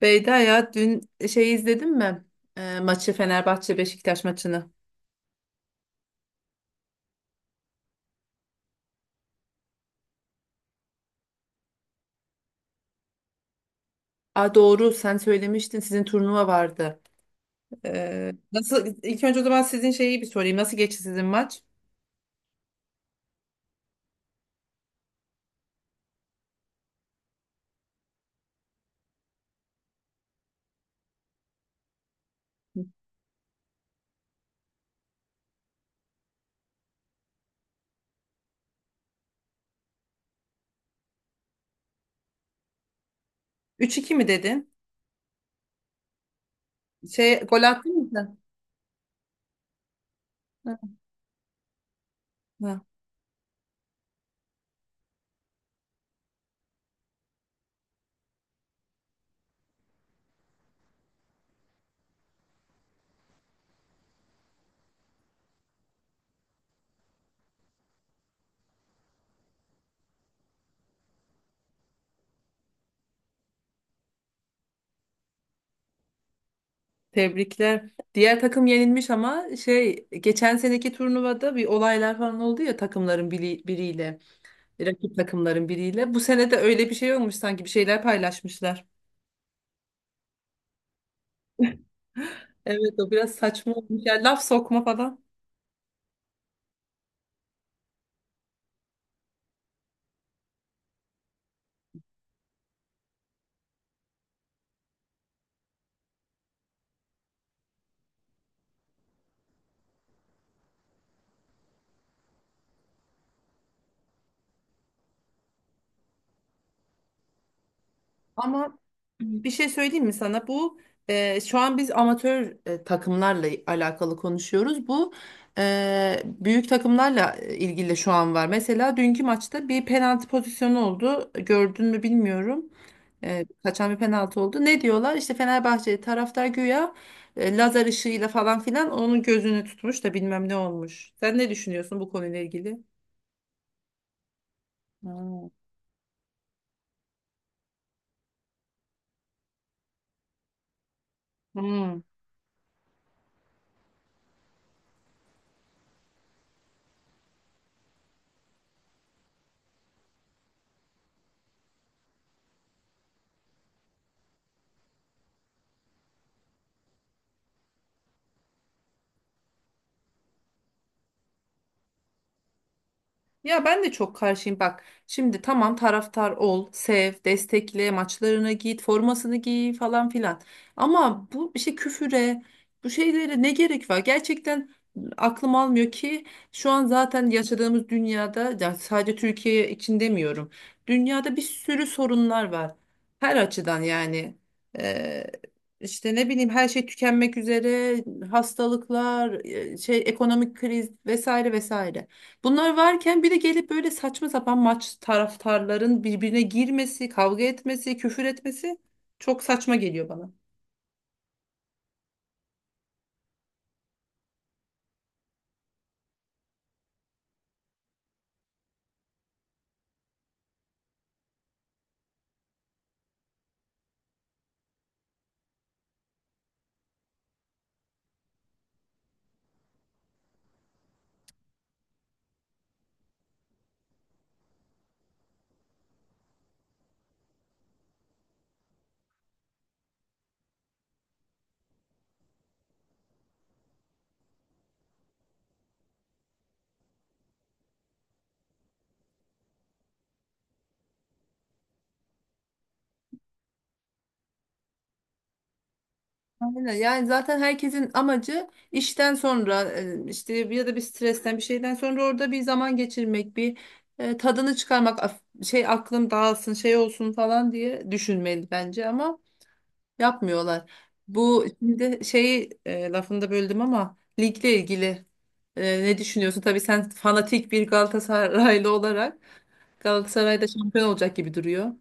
Beyda ya dün izledin mi? Maçı, Fenerbahçe Beşiktaş maçını. Aa, doğru, sen söylemiştin sizin turnuva vardı. Nasıl, ilk önce o zaman sizin bir sorayım. Nasıl geçti sizin maç? Üç iki mi dedin? Gol attın mı sen? Hı. Hı. Tebrikler. Diğer takım yenilmiş ama geçen seneki turnuvada bir olaylar falan oldu ya takımların biriyle, rakip takımların biriyle. Bu sene de öyle bir şey olmuş, sanki bir şeyler paylaşmışlar. Evet, o biraz saçma olmuş. Yani laf sokma falan. Ama bir şey söyleyeyim mi sana? Bu şu an biz amatör takımlarla alakalı konuşuyoruz. Bu büyük takımlarla ilgili şu an var. Mesela dünkü maçta bir penaltı pozisyonu oldu. Gördün mü bilmiyorum. Kaçan bir penaltı oldu. Ne diyorlar? İşte Fenerbahçe taraftar güya lazer ışığıyla falan filan onun gözünü tutmuş da bilmem ne olmuş. Sen ne düşünüyorsun bu konuyla ilgili? Hmm. Hmm. Ya ben de çok karşıyım bak. Şimdi tamam, taraftar ol, sev, destekle, maçlarına git, formasını giy falan filan. Ama bu işte küfüre, bu şeylere ne gerek var? Gerçekten aklım almıyor ki şu an zaten yaşadığımız dünyada, ya sadece Türkiye için demiyorum. Dünyada bir sürü sorunlar var. Her açıdan yani. Ee, işte ne bileyim, her şey tükenmek üzere, hastalıklar, ekonomik kriz, vesaire vesaire. Bunlar varken bir de gelip böyle saçma sapan maç taraftarların birbirine girmesi, kavga etmesi, küfür etmesi çok saçma geliyor bana. Aynen. Yani zaten herkesin amacı işten sonra işte ya da bir stresten bir şeyden sonra orada bir zaman geçirmek, bir tadını çıkarmak, aklım dağılsın, şey olsun falan diye düşünmeli bence ama yapmıyorlar. Bu şimdi lafını da böldüm ama ligle ilgili ne düşünüyorsun? Tabii sen fanatik bir Galatasaraylı olarak Galatasaray'da şampiyon olacak gibi duruyor.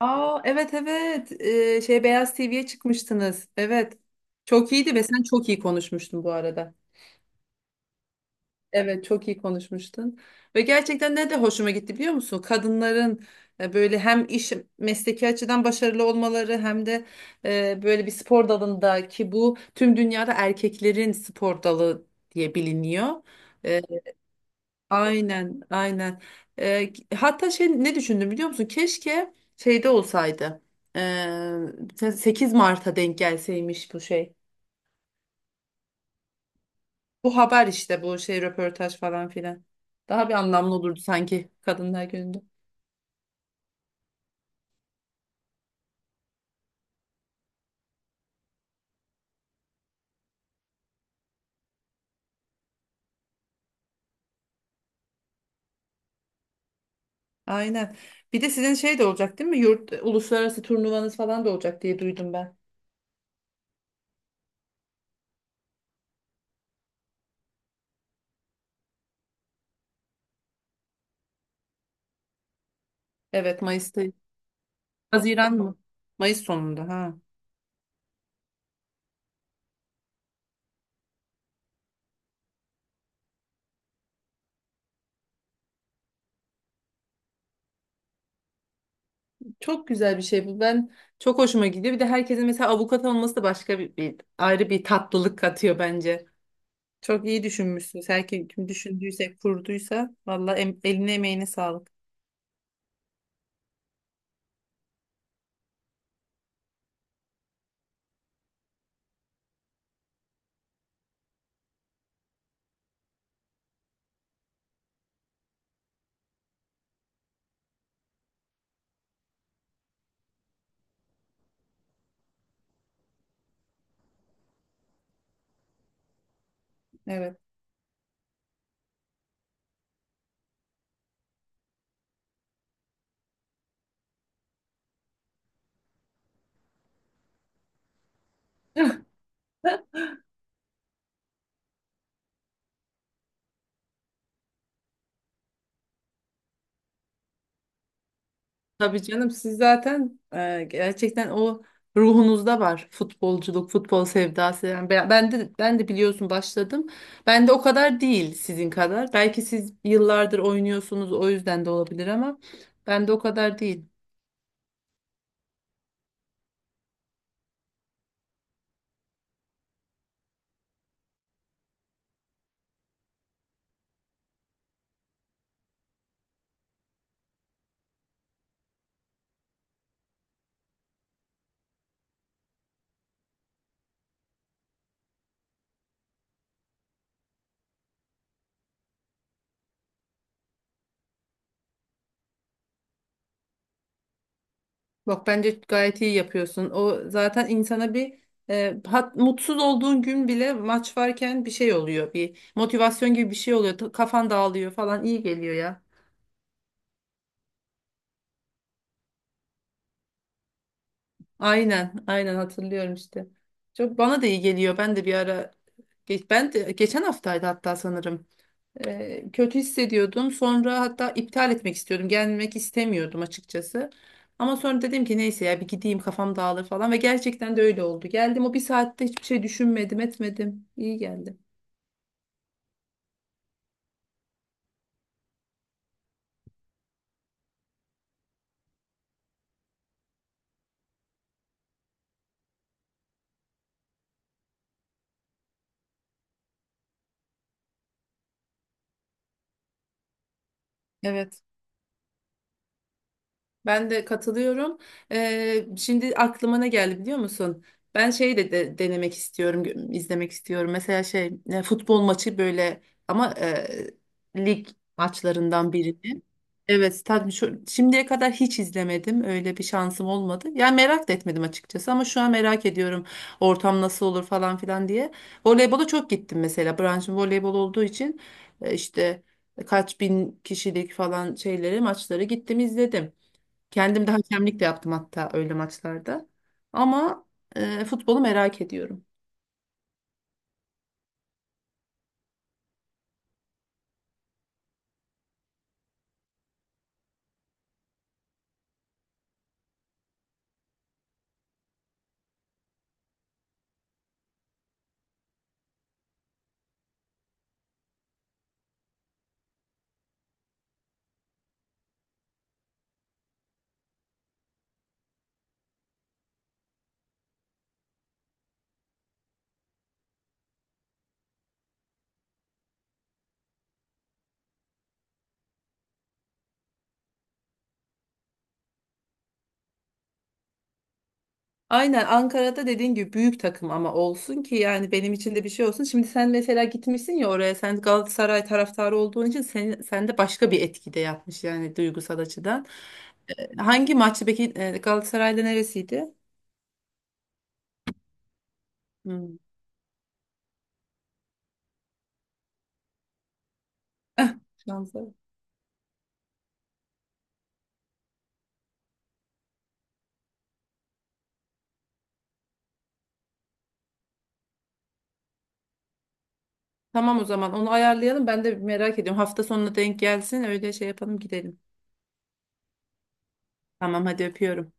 Aa, evet evet. Beyaz TV'ye çıkmıştınız. Evet. Çok iyiydi ve sen çok iyi konuşmuştun bu arada. Evet, çok iyi konuşmuştun. Ve gerçekten ne de hoşuma gitti biliyor musun? Kadınların böyle hem iş, mesleki açıdan başarılı olmaları hem de böyle bir spor dalında, ki bu tüm dünyada erkeklerin spor dalı diye biliniyor. E, aynen aynen. E, Hatta ne düşündüm biliyor musun? Keşke şeyde olsaydı. 8 Mart'a denk gelseymiş bu şey. Bu haber, işte bu röportaj falan filan. Daha bir anlamlı olurdu sanki Kadınlar Günü'nde. Aynen. Bir de sizin de olacak değil mi? Uluslararası turnuvanız falan da olacak diye duydum ben. Evet, Mayıs'ta. Haziran mı? Mayıs sonunda ha. Çok güzel bir şey bu. Ben, çok hoşuma gidiyor. Bir de herkesin mesela avukat olması da ayrı bir tatlılık katıyor bence. Çok iyi düşünmüşsünüz. Her kim düşündüyse, kurduysa valla eline emeğine sağlık. Evet. Tabii canım, siz zaten gerçekten o ruhunuzda var futbolculuk, futbol sevdası. Yani ben de biliyorsun başladım. Ben de o kadar değil, sizin kadar. Belki siz yıllardır oynuyorsunuz, o yüzden de olabilir ama ben de o kadar değil. Bak bence gayet iyi yapıyorsun. O zaten insana bir mutsuz olduğun gün bile maç varken bir şey oluyor. Bir motivasyon gibi bir şey oluyor. Kafan dağılıyor falan, iyi geliyor ya. Aynen, aynen hatırlıyorum işte. Çok bana da iyi geliyor. Ben de bir ara ge- Ben de geçen haftaydı hatta sanırım. Kötü hissediyordum. Sonra hatta iptal etmek istiyordum. Gelmek istemiyordum açıkçası. Ama sonra dedim ki neyse ya, bir gideyim kafam dağılır falan, ve gerçekten de öyle oldu. Geldim, o bir saatte hiçbir şey düşünmedim, etmedim. İyi geldi. Evet. Ben de katılıyorum. Şimdi aklıma ne geldi biliyor musun? Ben denemek istiyorum, izlemek istiyorum. Mesela futbol maçı, böyle ama lig maçlarından birini. Evet, tabii şimdiye kadar hiç izlemedim. Öyle bir şansım olmadı. Yani merak da etmedim açıkçası ama şu an merak ediyorum, ortam nasıl olur falan filan diye. Voleybola çok gittim mesela. Branşım voleybol olduğu için işte kaç bin kişilik falan maçları gittim izledim. Kendim de hakemlik de yaptım hatta öyle maçlarda. Ama futbolu merak ediyorum. Aynen, Ankara'da dediğin gibi büyük takım ama olsun ki yani benim için de bir şey olsun. Şimdi sen mesela gitmişsin ya oraya, sen Galatasaray taraftarı olduğun için sende başka bir etki de yapmış yani duygusal açıdan. Hangi maçı peki, Galatasaray'da neresiydi? Hmm. Eh, şansa. Tamam, o zaman onu ayarlayalım, ben de merak ediyorum. Hafta sonuna denk gelsin, öyle şey yapalım, gidelim. Tamam, hadi öpüyorum.